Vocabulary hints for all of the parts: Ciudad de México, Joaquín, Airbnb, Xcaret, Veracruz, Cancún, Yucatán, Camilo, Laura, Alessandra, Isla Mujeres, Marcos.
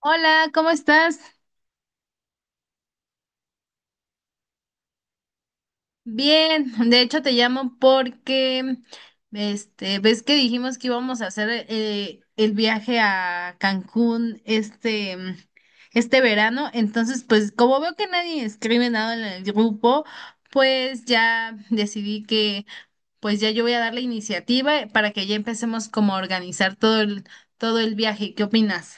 Hola, ¿cómo estás? Bien, de hecho te llamo porque, ves que dijimos que íbamos a hacer el viaje a Cancún este verano, entonces pues como veo que nadie escribe nada en el grupo, pues ya decidí que pues ya yo voy a dar la iniciativa para que ya empecemos como a organizar todo el viaje. ¿Qué opinas?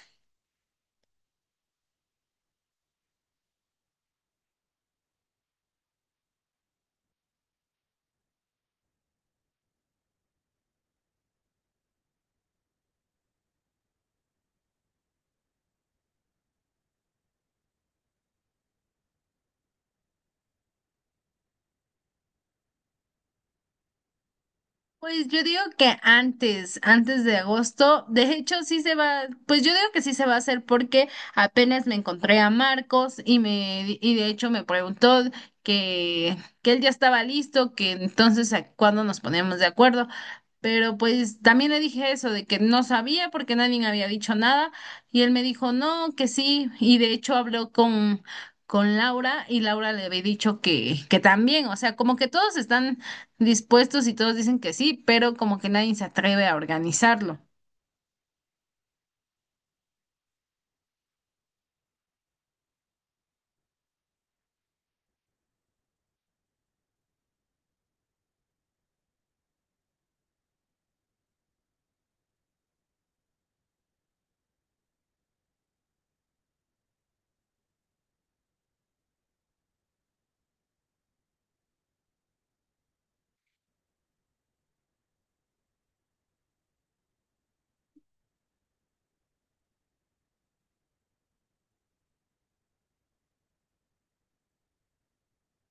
Pues yo digo que antes de agosto, de hecho sí se va, pues yo digo que sí se va a hacer porque apenas me encontré a Marcos y me y de hecho me preguntó que que él ya estaba listo, que entonces a cuándo nos poníamos de acuerdo, pero pues también le dije eso de que no sabía porque nadie me había dicho nada y él me dijo no, que sí y de hecho habló con Laura y Laura le había dicho que también, o sea, como que todos están dispuestos y todos dicen que sí, pero como que nadie se atreve a organizarlo.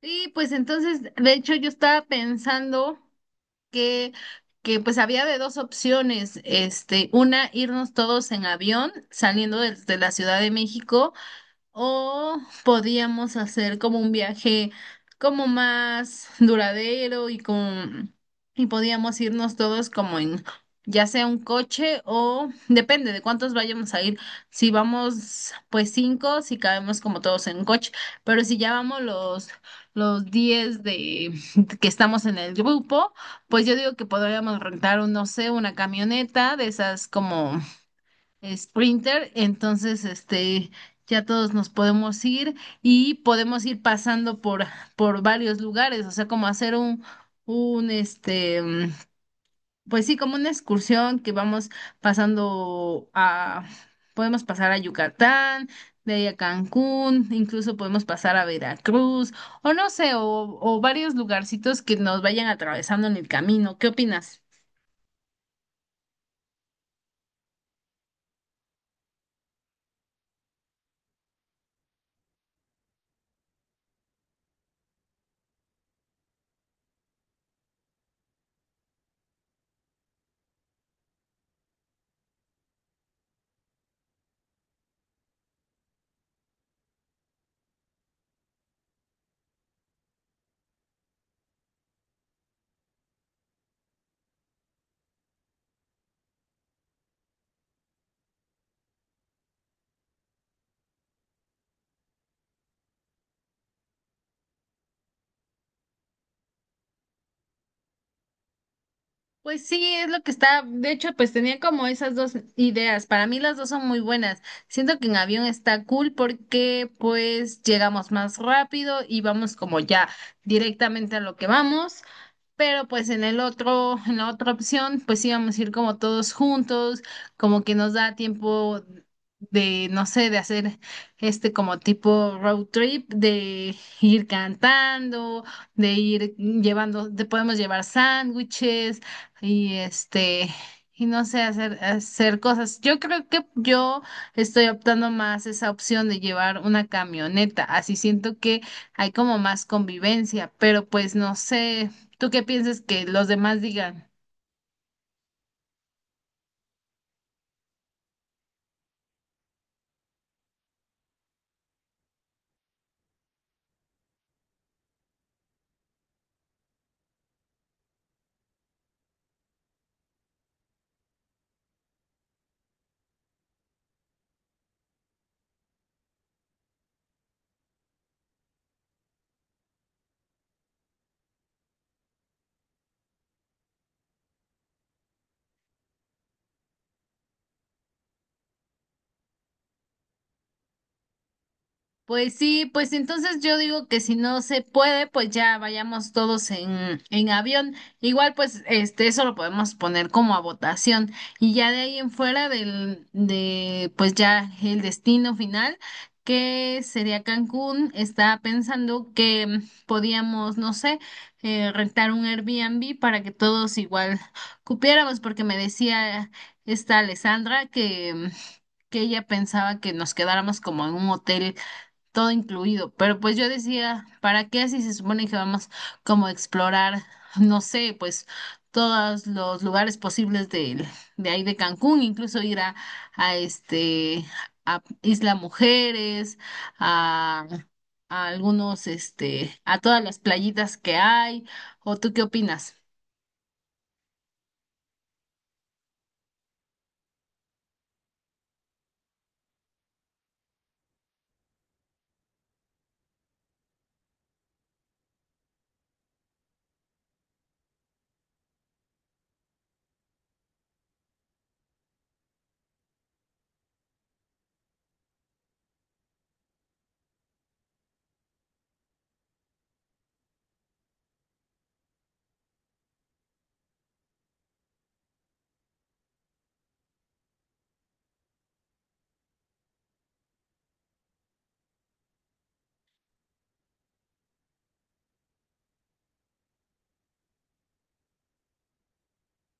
Y pues entonces, de hecho, yo estaba pensando que, que pues había de dos opciones, este, una, irnos todos en avión saliendo de la Ciudad de México. O podíamos hacer como un viaje como más duradero y podíamos irnos todos como en ya sea un coche o depende de cuántos vayamos a ir. Si vamos pues cinco, si cabemos como todos en un coche, pero si ya vamos los diez de que estamos en el grupo, pues yo digo que podríamos rentar un, no sé, una camioneta de esas como Sprinter, entonces este ya todos nos podemos ir y podemos ir pasando por varios lugares, o sea, como hacer un este pues sí, como una excursión que vamos pasando a podemos pasar a Yucatán, de ahí a Cancún, incluso podemos pasar a Veracruz o no sé, o varios lugarcitos que nos vayan atravesando en el camino. ¿Qué opinas? Pues sí, es lo que está. De hecho, pues tenía como esas dos ideas. Para mí las dos son muy buenas. Siento que en avión está cool porque pues llegamos más rápido y vamos como ya directamente a lo que vamos. Pero pues en el otro, en la otra opción, pues íbamos a ir como todos juntos, como que nos da tiempo de, no sé, de hacer este como tipo road trip, de ir cantando, de ir llevando, te podemos llevar sándwiches y este, y no sé, hacer cosas. Yo creo que yo estoy optando más esa opción de llevar una camioneta, así siento que hay como más convivencia, pero pues no sé. ¿Tú qué piensas que los demás digan? Pues sí, pues entonces yo digo que si no se puede, pues ya vayamos todos en avión. Igual, pues, este, eso lo podemos poner como a votación. Y ya de ahí en fuera pues ya el destino final, que sería Cancún, estaba pensando que podíamos, no sé, rentar un Airbnb para que todos igual cupiéramos, porque me decía esta Alessandra que que ella pensaba que nos quedáramos como en un hotel todo incluido. Pero pues yo decía, ¿para qué si se supone que vamos como a explorar, no sé, pues todos los lugares posibles de ahí de Cancún, incluso a este a Isla Mujeres, a, a algunos, este, a todas las playitas que hay? ¿O tú qué opinas?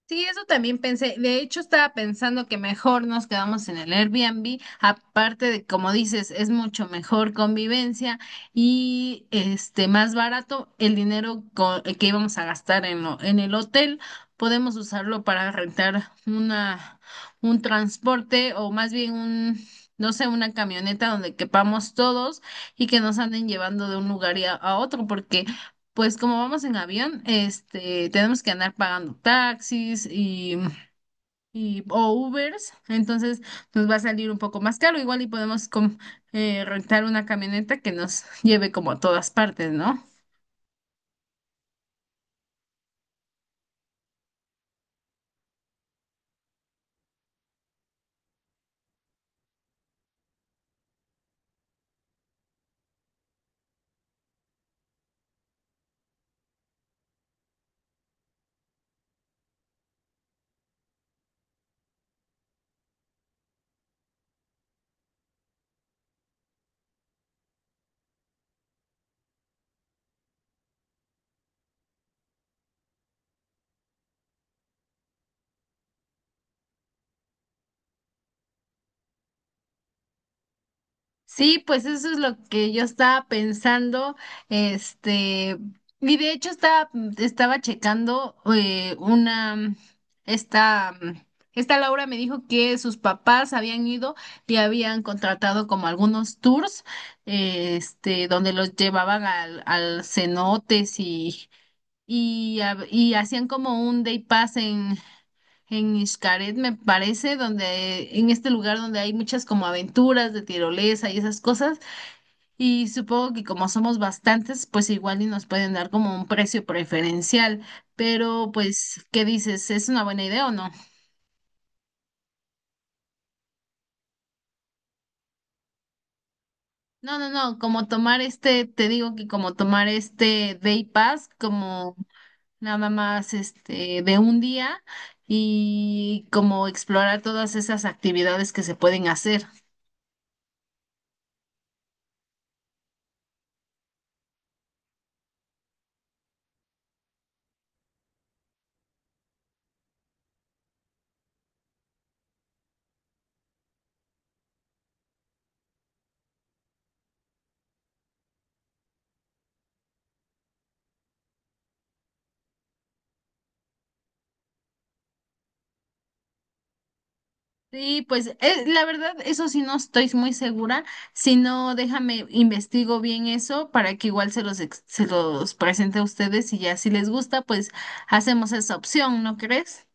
Sí, eso también pensé. De hecho, estaba pensando que mejor nos quedamos en el Airbnb. Aparte de, como dices, es mucho mejor convivencia y este más barato el dinero que íbamos a gastar en en el hotel. Podemos usarlo para rentar una un transporte o más bien un no sé, una camioneta donde quepamos todos y que nos anden llevando de un lugar y a otro, porque pues como vamos en avión, este, tenemos que andar pagando y o Ubers, entonces nos va a salir un poco más caro, igual y podemos rentar una camioneta que nos lleve como a todas partes, ¿no? Sí, pues eso es lo que yo estaba pensando, este, y de hecho estaba checando esta, esta Laura me dijo que sus papás habían ido y habían contratado como algunos tours, este, donde los llevaban al cenotes y hacían como un day pass en... En Xcaret, me parece, donde en este lugar donde hay muchas como aventuras de tirolesa y esas cosas. Y supongo que como somos bastantes, pues igual y nos pueden dar como un precio preferencial, pero pues, ¿qué dices? ¿Es una buena idea o no? No, no, no, como tomar este, te digo que como tomar este Day Pass, como nada más este de un día y como explorar todas esas actividades que se pueden hacer. Sí, pues la verdad, eso sí no estoy muy segura. Si no, déjame investigo bien eso para que igual se los presente a ustedes y ya si les gusta, pues hacemos esa opción, ¿no crees?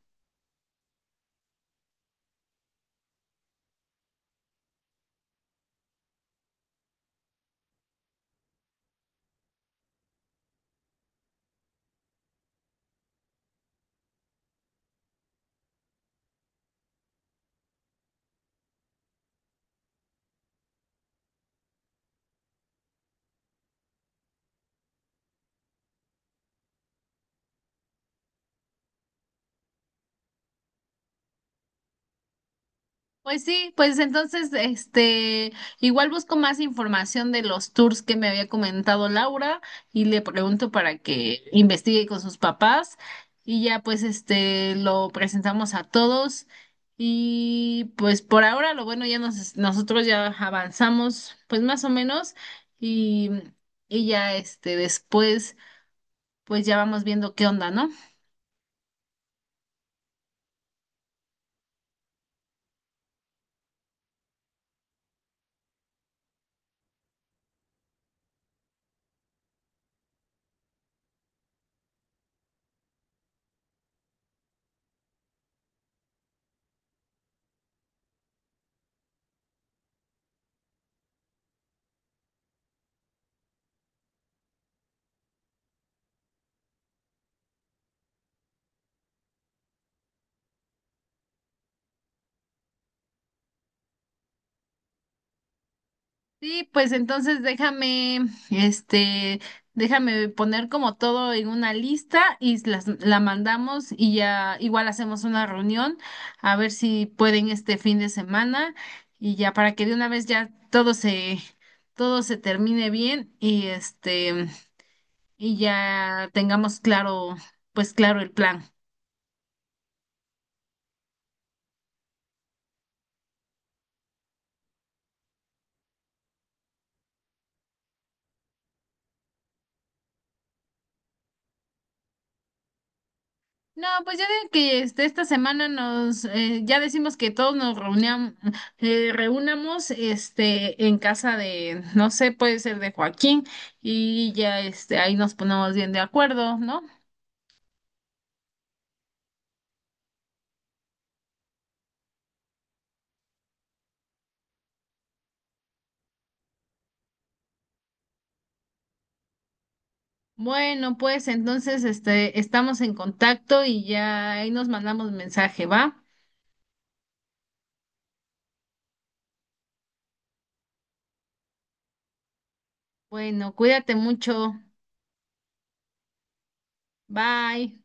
Pues sí, pues entonces, este, igual busco más información de los tours que me había comentado Laura y le pregunto para que investigue con sus papás y ya pues este lo presentamos a todos y pues por ahora lo bueno ya nosotros ya avanzamos pues más o menos y, y ya este después pues ya vamos viendo qué onda, ¿no? Sí, pues entonces este, déjame poner como todo en una lista y la mandamos y ya igual hacemos una reunión a ver si pueden este fin de semana y ya para que de una vez ya todo se termine bien y este, y ya tengamos claro, pues claro el plan. No, pues ya de que este, esta semana ya decimos que reunamos este, en casa de, no sé, puede ser de Joaquín y ya este, ahí nos ponemos bien de acuerdo, ¿no? Bueno, pues entonces este, estamos en contacto y ya ahí nos mandamos mensaje, ¿va? Bueno, cuídate mucho. Bye.